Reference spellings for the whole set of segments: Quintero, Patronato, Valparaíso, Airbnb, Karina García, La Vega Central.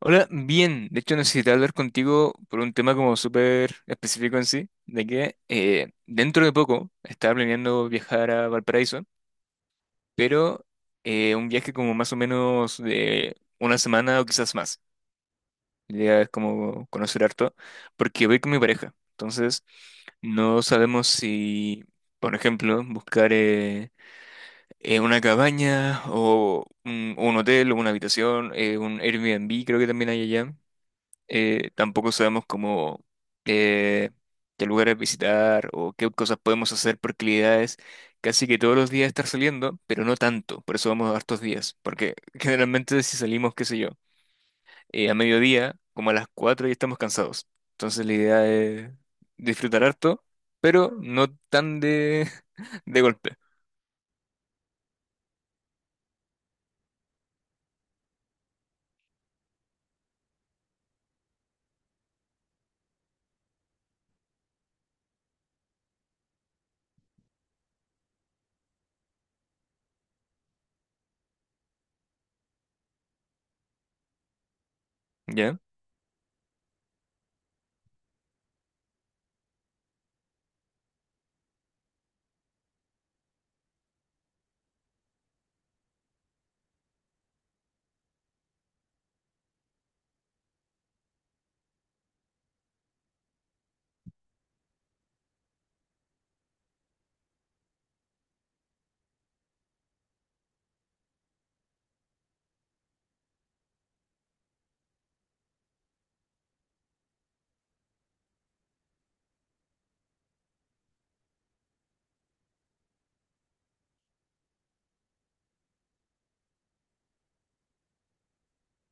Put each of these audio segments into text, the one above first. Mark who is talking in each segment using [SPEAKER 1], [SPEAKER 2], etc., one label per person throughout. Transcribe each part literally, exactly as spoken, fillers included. [SPEAKER 1] Hola, bien. De hecho, necesité hablar contigo por un tema como súper específico en sí, de que eh, dentro de poco estaba planeando viajar a Valparaíso, pero eh, un viaje como más o menos de una semana o quizás más. La idea es como conocer harto, porque voy con mi pareja. Entonces, no sabemos si, por ejemplo, buscar eh, eh, una cabaña o un, un hotel o una habitación, eh, un Airbnb creo que también hay allá. eh, tampoco sabemos cómo eh, qué lugares visitar o qué cosas podemos hacer por actividades. Casi que todos los días estar saliendo, pero no tanto, por eso vamos a hartos días, porque generalmente si salimos, qué sé yo, eh, a mediodía, como a las cuatro ya estamos cansados. Entonces la idea es disfrutar harto, pero no tan de, de golpe, ¿ya?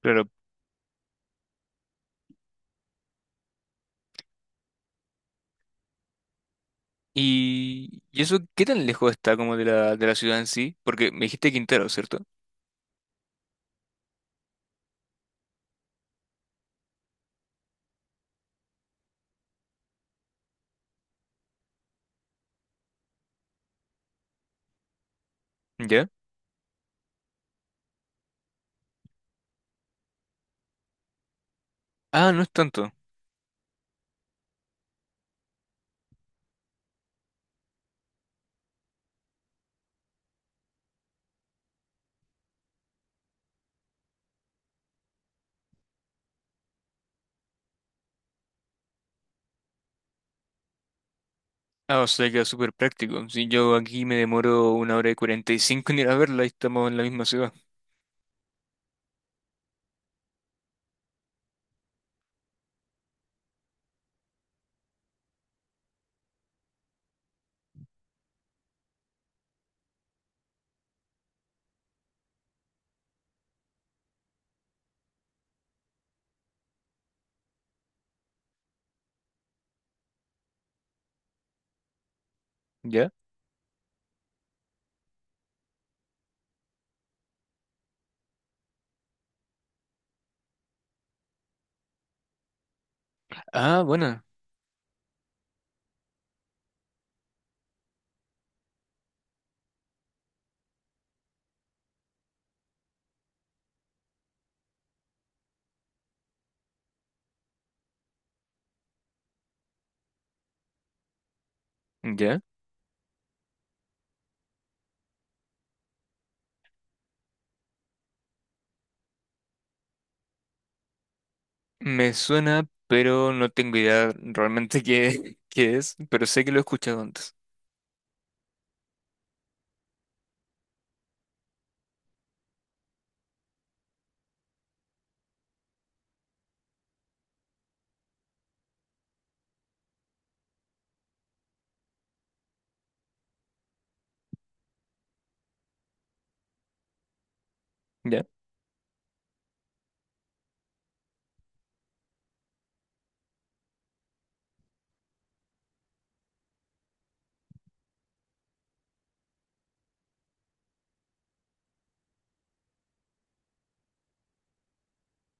[SPEAKER 1] Claro. Y, y eso, ¿qué tan lejos está como de la, de la ciudad en sí? Porque me dijiste Quintero, ¿cierto? ¿Ya? Ah, no es tanto. Ah, o sea, queda súper práctico. Si yo aquí me demoro una hora y cuarenta y cinco en ir a verla y estamos en la misma ciudad. ¿Ya? Ah, bueno, ya. Me suena, pero no tengo idea realmente qué, qué es, pero sé que lo he escuchado antes. ¿Ya?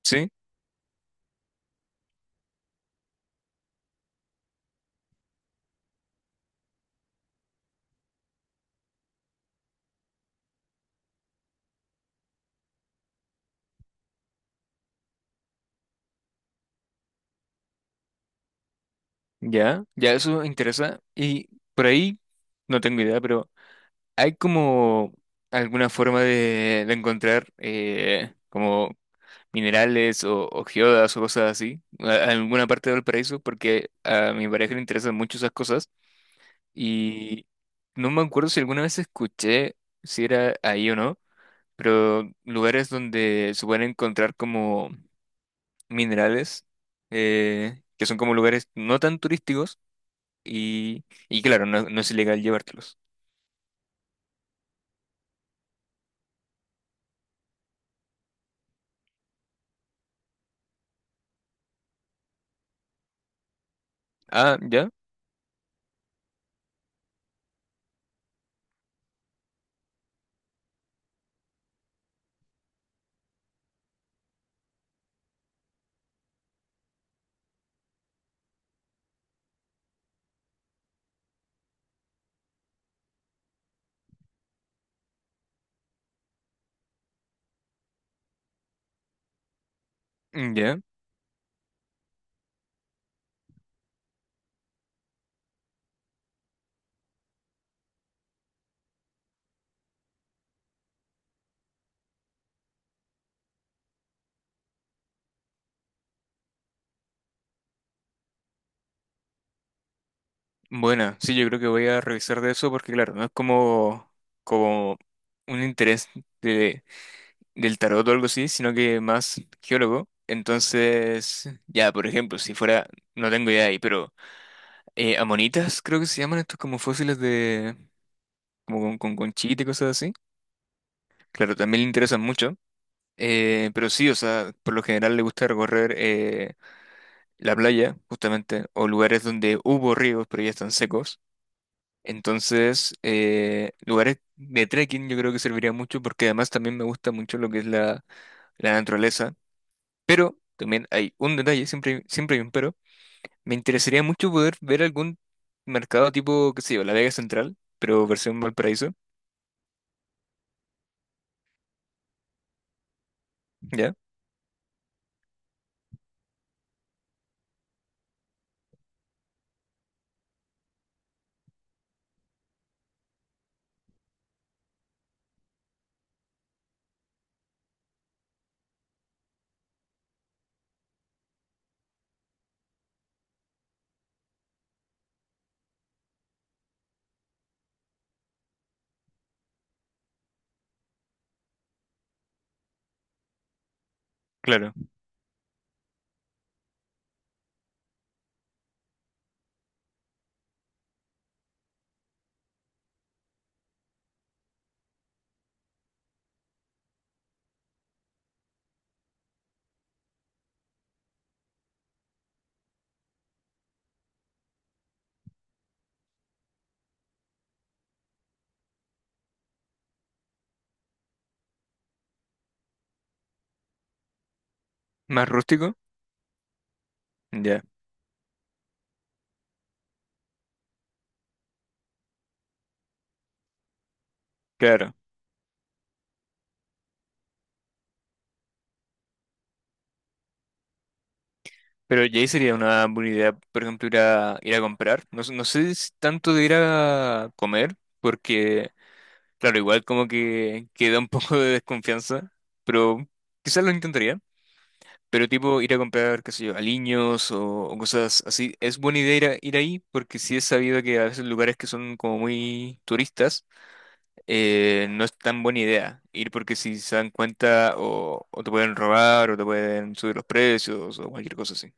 [SPEAKER 1] Sí, ya, ya eso me interesa. Y por ahí, no tengo idea, pero ¿hay como alguna forma de, de encontrar eh, como minerales o, o geodas o cosas así, a, a alguna parte del paraíso, porque a mi pareja le interesan mucho esas cosas y no me acuerdo si alguna vez escuché si era ahí o no, pero lugares donde se pueden encontrar como minerales, eh, que son como lugares no tan turísticos y, y claro, no, no es ilegal llevártelos. Ah, ya, mm, ya. Bueno, sí, yo creo que voy a revisar de eso porque claro, no es como, como un interés del tarot o algo así, sino que más geólogo. Entonces, ya, por ejemplo, si fuera, no tengo idea ahí, pero eh, amonitas creo que se llaman estos como fósiles de, como con, con conchita y cosas así. Claro, también le interesan mucho. Eh, pero sí, o sea, por lo general le gusta recorrer eh, la playa, justamente, o lugares donde hubo ríos, pero ya están secos. Entonces, eh, lugares de trekking yo creo que serviría mucho porque además también me gusta mucho lo que es la, la naturaleza. Pero también hay un detalle, siempre, hay- siempre hay un pero. Me interesaría mucho poder ver algún mercado tipo, qué sé yo, La Vega Central, pero versión Valparaíso, ¿ya? Claro. Más rústico, ya, claro. Pero ya ahí sería una buena idea, por ejemplo, ir a, ir a comprar. No, sé- no sé si tanto de ir a comer, porque, claro, igual como que queda un poco de desconfianza, pero quizás lo intentaría. Pero tipo ir a comprar, qué sé yo, aliños o, o cosas así, es buena idea ir, a- ir ahí porque sí es sabido que a veces lugares que son como muy turistas, eh, no es tan buena idea ir porque si se dan cuenta o, o te pueden robar o te pueden subir los precios o cualquier cosa así.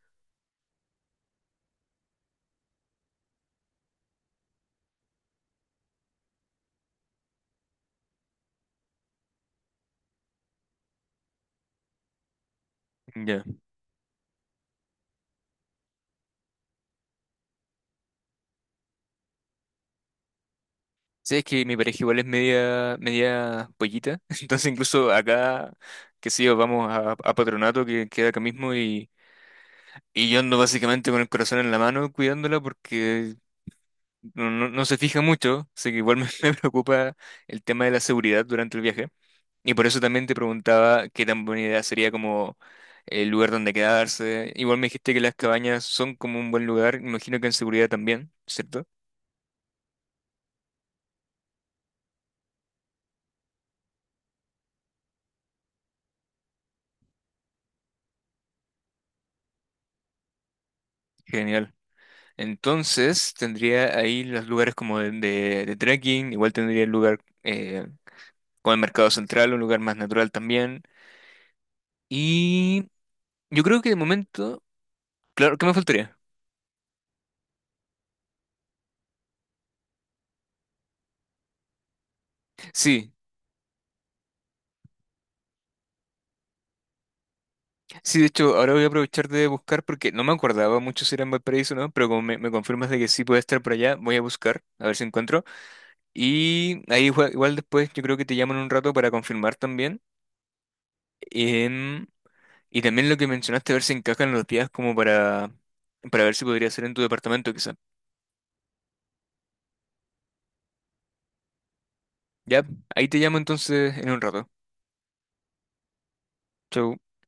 [SPEAKER 1] Ya. Sí, es que mi pareja igual es media, media pollita, entonces incluso acá, qué sé yo, vamos a, a Patronato que queda acá mismo y... Y yo ando básicamente con el corazón en la mano cuidándola porque no, no- no se fija mucho, así que igual me, me preocupa el tema de la seguridad durante el viaje. Y por eso también te preguntaba qué tan buena idea sería como el lugar donde quedarse. Igual me dijiste que las cabañas son como un buen lugar, imagino que en seguridad también, ¿cierto? Genial. Entonces tendría ahí los lugares como de, de- de trekking, igual tendría el lugar eh, con el mercado central, un lugar más natural también. Y yo creo que de momento, claro, ¿qué me faltaría? Sí, sí, de hecho, ahora voy a aprovechar de buscar porque no me acordaba mucho si era en Valparaíso o no, pero como me, me confirmas de que sí puede estar por allá, voy a buscar, a ver si encuentro. Y ahí igual, igual después yo creo que te llaman un rato para confirmar también. Em, y también lo que mencionaste, a ver si encajan los días como para, para ver si podría ser en tu departamento quizá. Ya, ahí te llamo entonces en un rato. Chau.